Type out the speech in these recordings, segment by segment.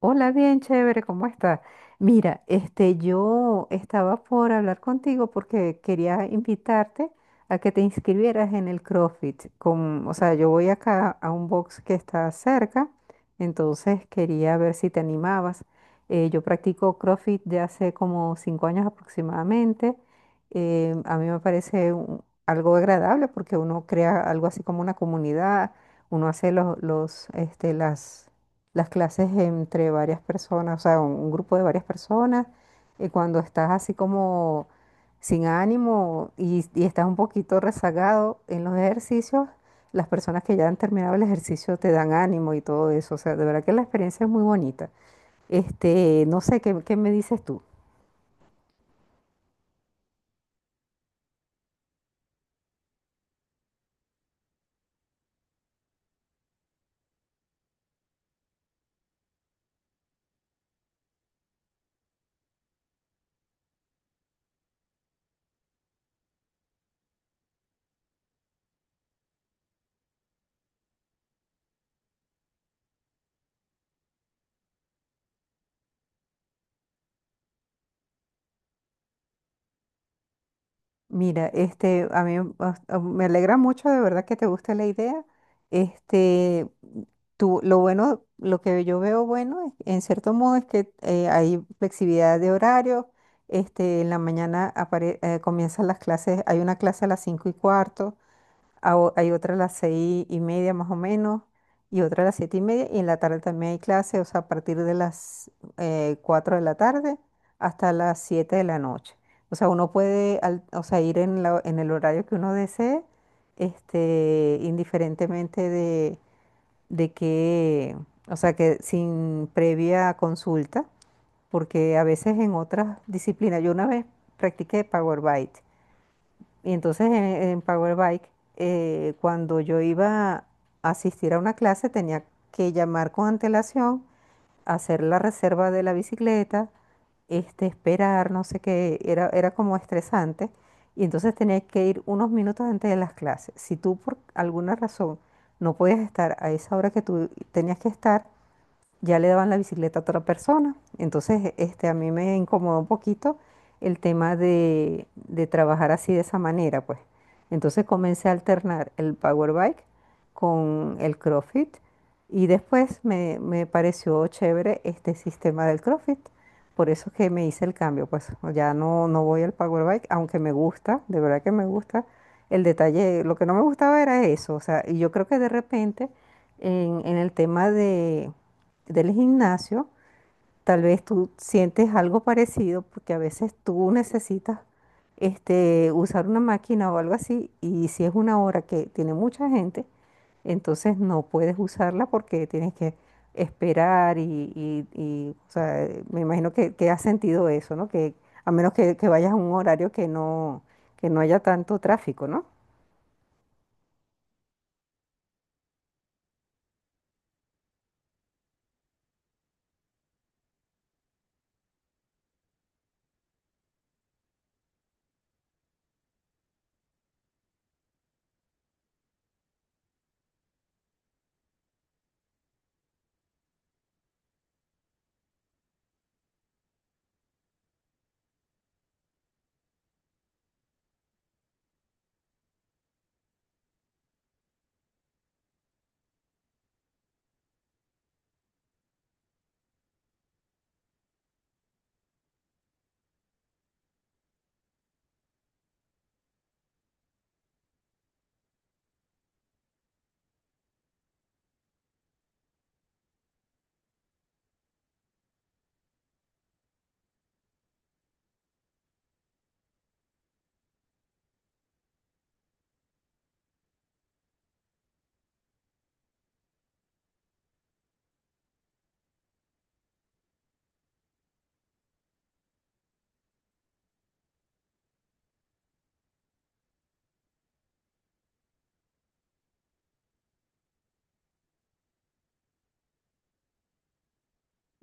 Hola, bien chévere, ¿cómo estás? Mira, este, yo estaba por hablar contigo porque quería invitarte a que te inscribieras en el CrossFit. Con, o sea, yo voy acá a un box que está cerca, entonces quería ver si te animabas. Yo practico CrossFit de hace como 5 años aproximadamente. A mí me parece algo agradable porque uno crea algo así como una comunidad, uno hace las clases entre varias personas, o sea, un grupo de varias personas, y cuando estás así como sin ánimo y estás un poquito rezagado en los ejercicios, las personas que ya han terminado el ejercicio te dan ánimo y todo eso, o sea, de verdad que la experiencia es muy bonita. Este, no sé, qué me dices tú? Mira, este, a mí bas- a- me alegra mucho de verdad que te guste la idea. Este, tú, lo bueno, lo que yo veo bueno, en cierto modo, es que hay flexibilidad de horario. Este, en la mañana comienzan las clases, hay una clase a las 5:15, hay otra a las 6:30 más o menos, y otra a las 7:30, y en la tarde también hay clase, o sea, a partir de las 4 de la tarde hasta las 7 de la noche. O sea, uno puede o sea, ir en el horario que uno desee, este, indiferentemente de que, o sea, que sin previa consulta, porque a veces en otras disciplinas, yo una vez practiqué Power Bite. Y entonces en Power Bike, cuando yo iba a asistir a una clase, tenía que llamar con antelación, hacer la reserva de la bicicleta, este, esperar, no sé qué, era como estresante. Y entonces tenía que ir unos minutos antes de las clases. Si tú por alguna razón no podías estar a esa hora que tú tenías que estar, ya le daban la bicicleta a otra persona. Entonces, este, a mí me incomodó un poquito el tema de trabajar así de esa manera, pues. Entonces comencé a alternar el power bike con el CrossFit y después me pareció chévere este sistema del CrossFit. Por eso es que me hice el cambio, pues ya no voy al power bike, aunque me gusta, de verdad que me gusta. El detalle, lo que no me gustaba era eso, o sea, y yo creo que de repente en el tema del gimnasio, tal vez tú sientes algo parecido porque a veces tú necesitas este, usar una máquina o algo así y si es una hora que tiene mucha gente, entonces no puedes usarla porque tienes que esperar y, o sea, me imagino que has sentido eso, ¿no? Que a menos que vayas a un horario que que no haya tanto tráfico, ¿no?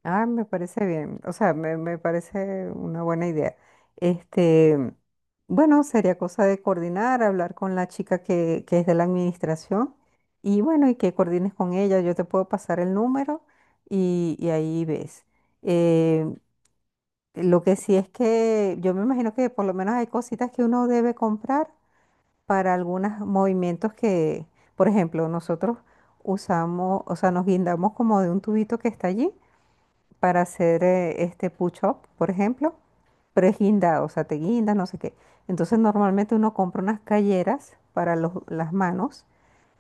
Ah, me parece bien. O sea, me parece una buena idea. Este, bueno, sería cosa de coordinar, hablar con la chica que es de la administración y bueno, y que coordines con ella. Yo te puedo pasar el número y ahí ves. Eh, lo que sí es que yo me imagino que por lo menos hay cositas que uno debe comprar para algunos movimientos que, por ejemplo, nosotros usamos, o sea, nos guindamos como de un tubito que está allí para hacer este push-up, por ejemplo, pero es guindado, o sea, te guindas, no sé qué. Entonces normalmente uno compra unas calleras para las manos,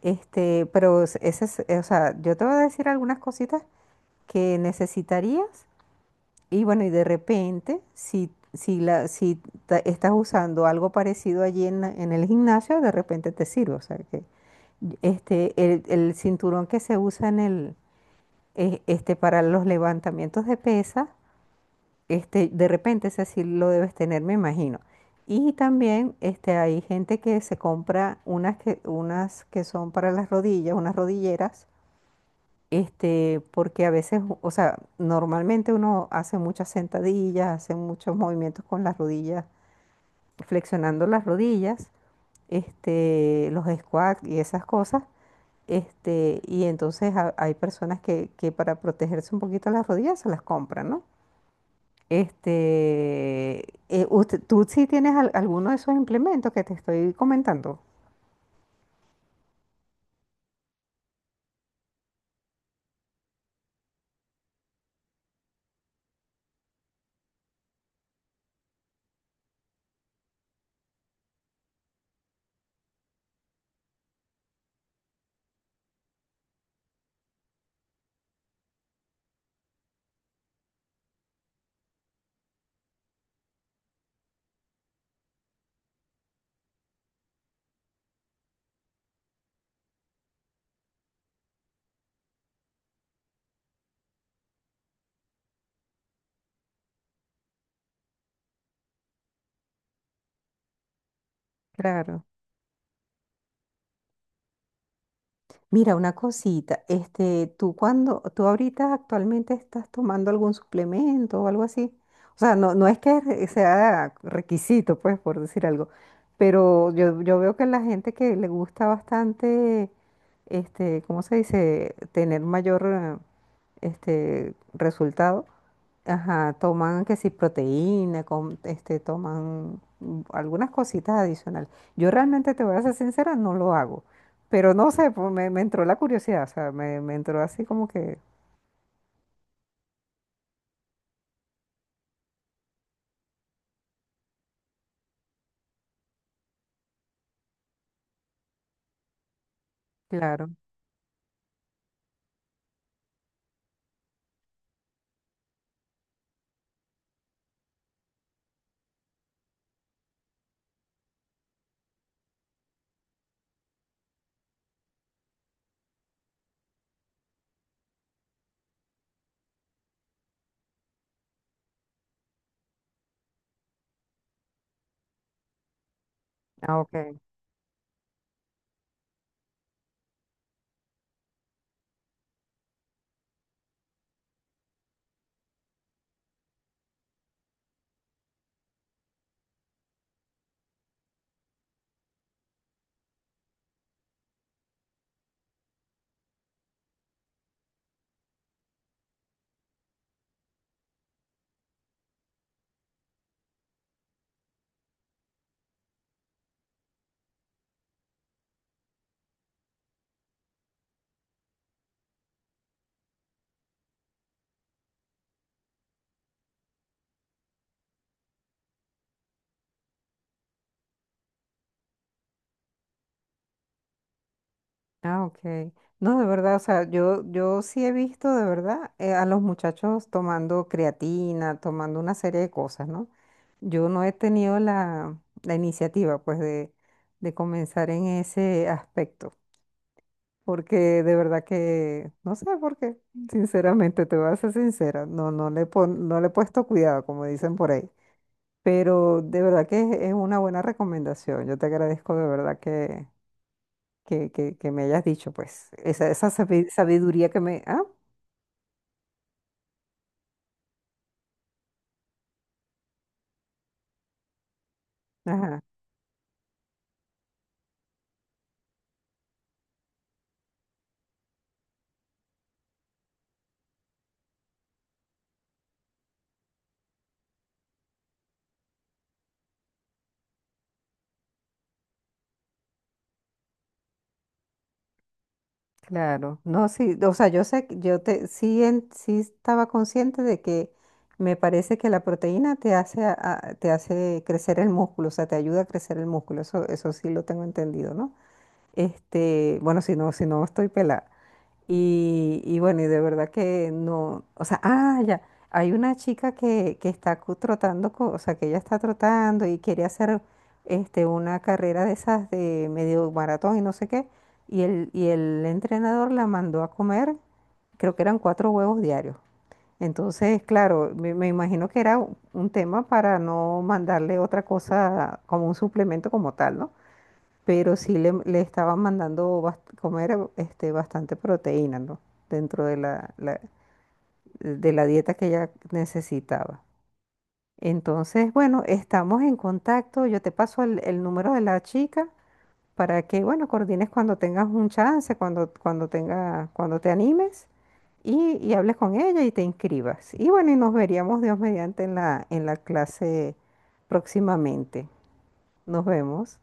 este, pero ese es, o sea, yo te voy a decir algunas cositas que necesitarías y bueno, y de repente, si estás usando algo parecido allí en el gimnasio, de repente te sirve, o sea, que este, el cinturón que se usa en el, este, para los levantamientos de pesas este, de repente ese sí lo debes tener, me imagino. Y también este, hay gente que se compra unas que son para las rodillas, unas rodilleras, este, porque a veces, o sea, normalmente uno hace muchas sentadillas, hace muchos movimientos con las rodillas, flexionando las rodillas, este, los squats y esas cosas. Este, y entonces hay personas que para protegerse un poquito las rodillas se las compran, ¿no? Este, tú sí tienes alguno de esos implementos que te estoy comentando. Claro. Mira, una cosita, este, tú ahorita actualmente estás tomando algún suplemento o algo así. O sea, no es que sea requisito, pues, por decir algo, pero yo veo que la gente que le gusta bastante, este, ¿cómo se dice? Tener mayor, este, resultado. Ajá, toman que si proteína, este, toman algunas cositas adicionales. Yo realmente te voy a ser sincera, no lo hago. Pero no sé, pues me entró la curiosidad, o sea, me entró así como que, claro. Ah, ok. Ah, ok. No, de verdad, o sea, yo sí he visto de verdad a los muchachos tomando creatina, tomando una serie de cosas, ¿no? Yo no he tenido la iniciativa, pues, de comenzar en ese aspecto, porque de verdad que no sé por qué. Sinceramente, te voy a ser sincera, no le he puesto cuidado, como dicen por ahí. Pero de verdad que es una buena recomendación. Yo te agradezco de verdad que me hayas dicho, pues, esa sabiduría que me... Ah, ajá, claro. No, sí, o sea, yo sé, yo te, sí, sí estaba consciente de que me parece que la proteína te hace, te hace crecer el músculo, o sea, te ayuda a crecer el músculo. Eso sí lo tengo entendido, ¿no? Este, bueno, si no, si no estoy pelada. Y bueno, y de verdad que no, o sea, ah, ya, hay una chica que está trotando, o sea, que ella está trotando y quiere hacer este, una carrera de esas de medio maratón y no sé qué, y el entrenador la mandó a comer, creo que eran 4 huevos diarios. Entonces, claro, me imagino que era un tema para no mandarle otra cosa como un suplemento como tal, ¿no? Pero sí le estaban mandando comer este, bastante proteína, ¿no? Dentro de de la dieta que ella necesitaba. Entonces, bueno, estamos en contacto. Yo te paso el número de la chica para que, bueno, coordines cuando tengas un chance, cuando, cuando te animes y hables con ella y te inscribas. Y bueno, y nos veríamos, Dios mediante, en en la clase próximamente. Nos vemos.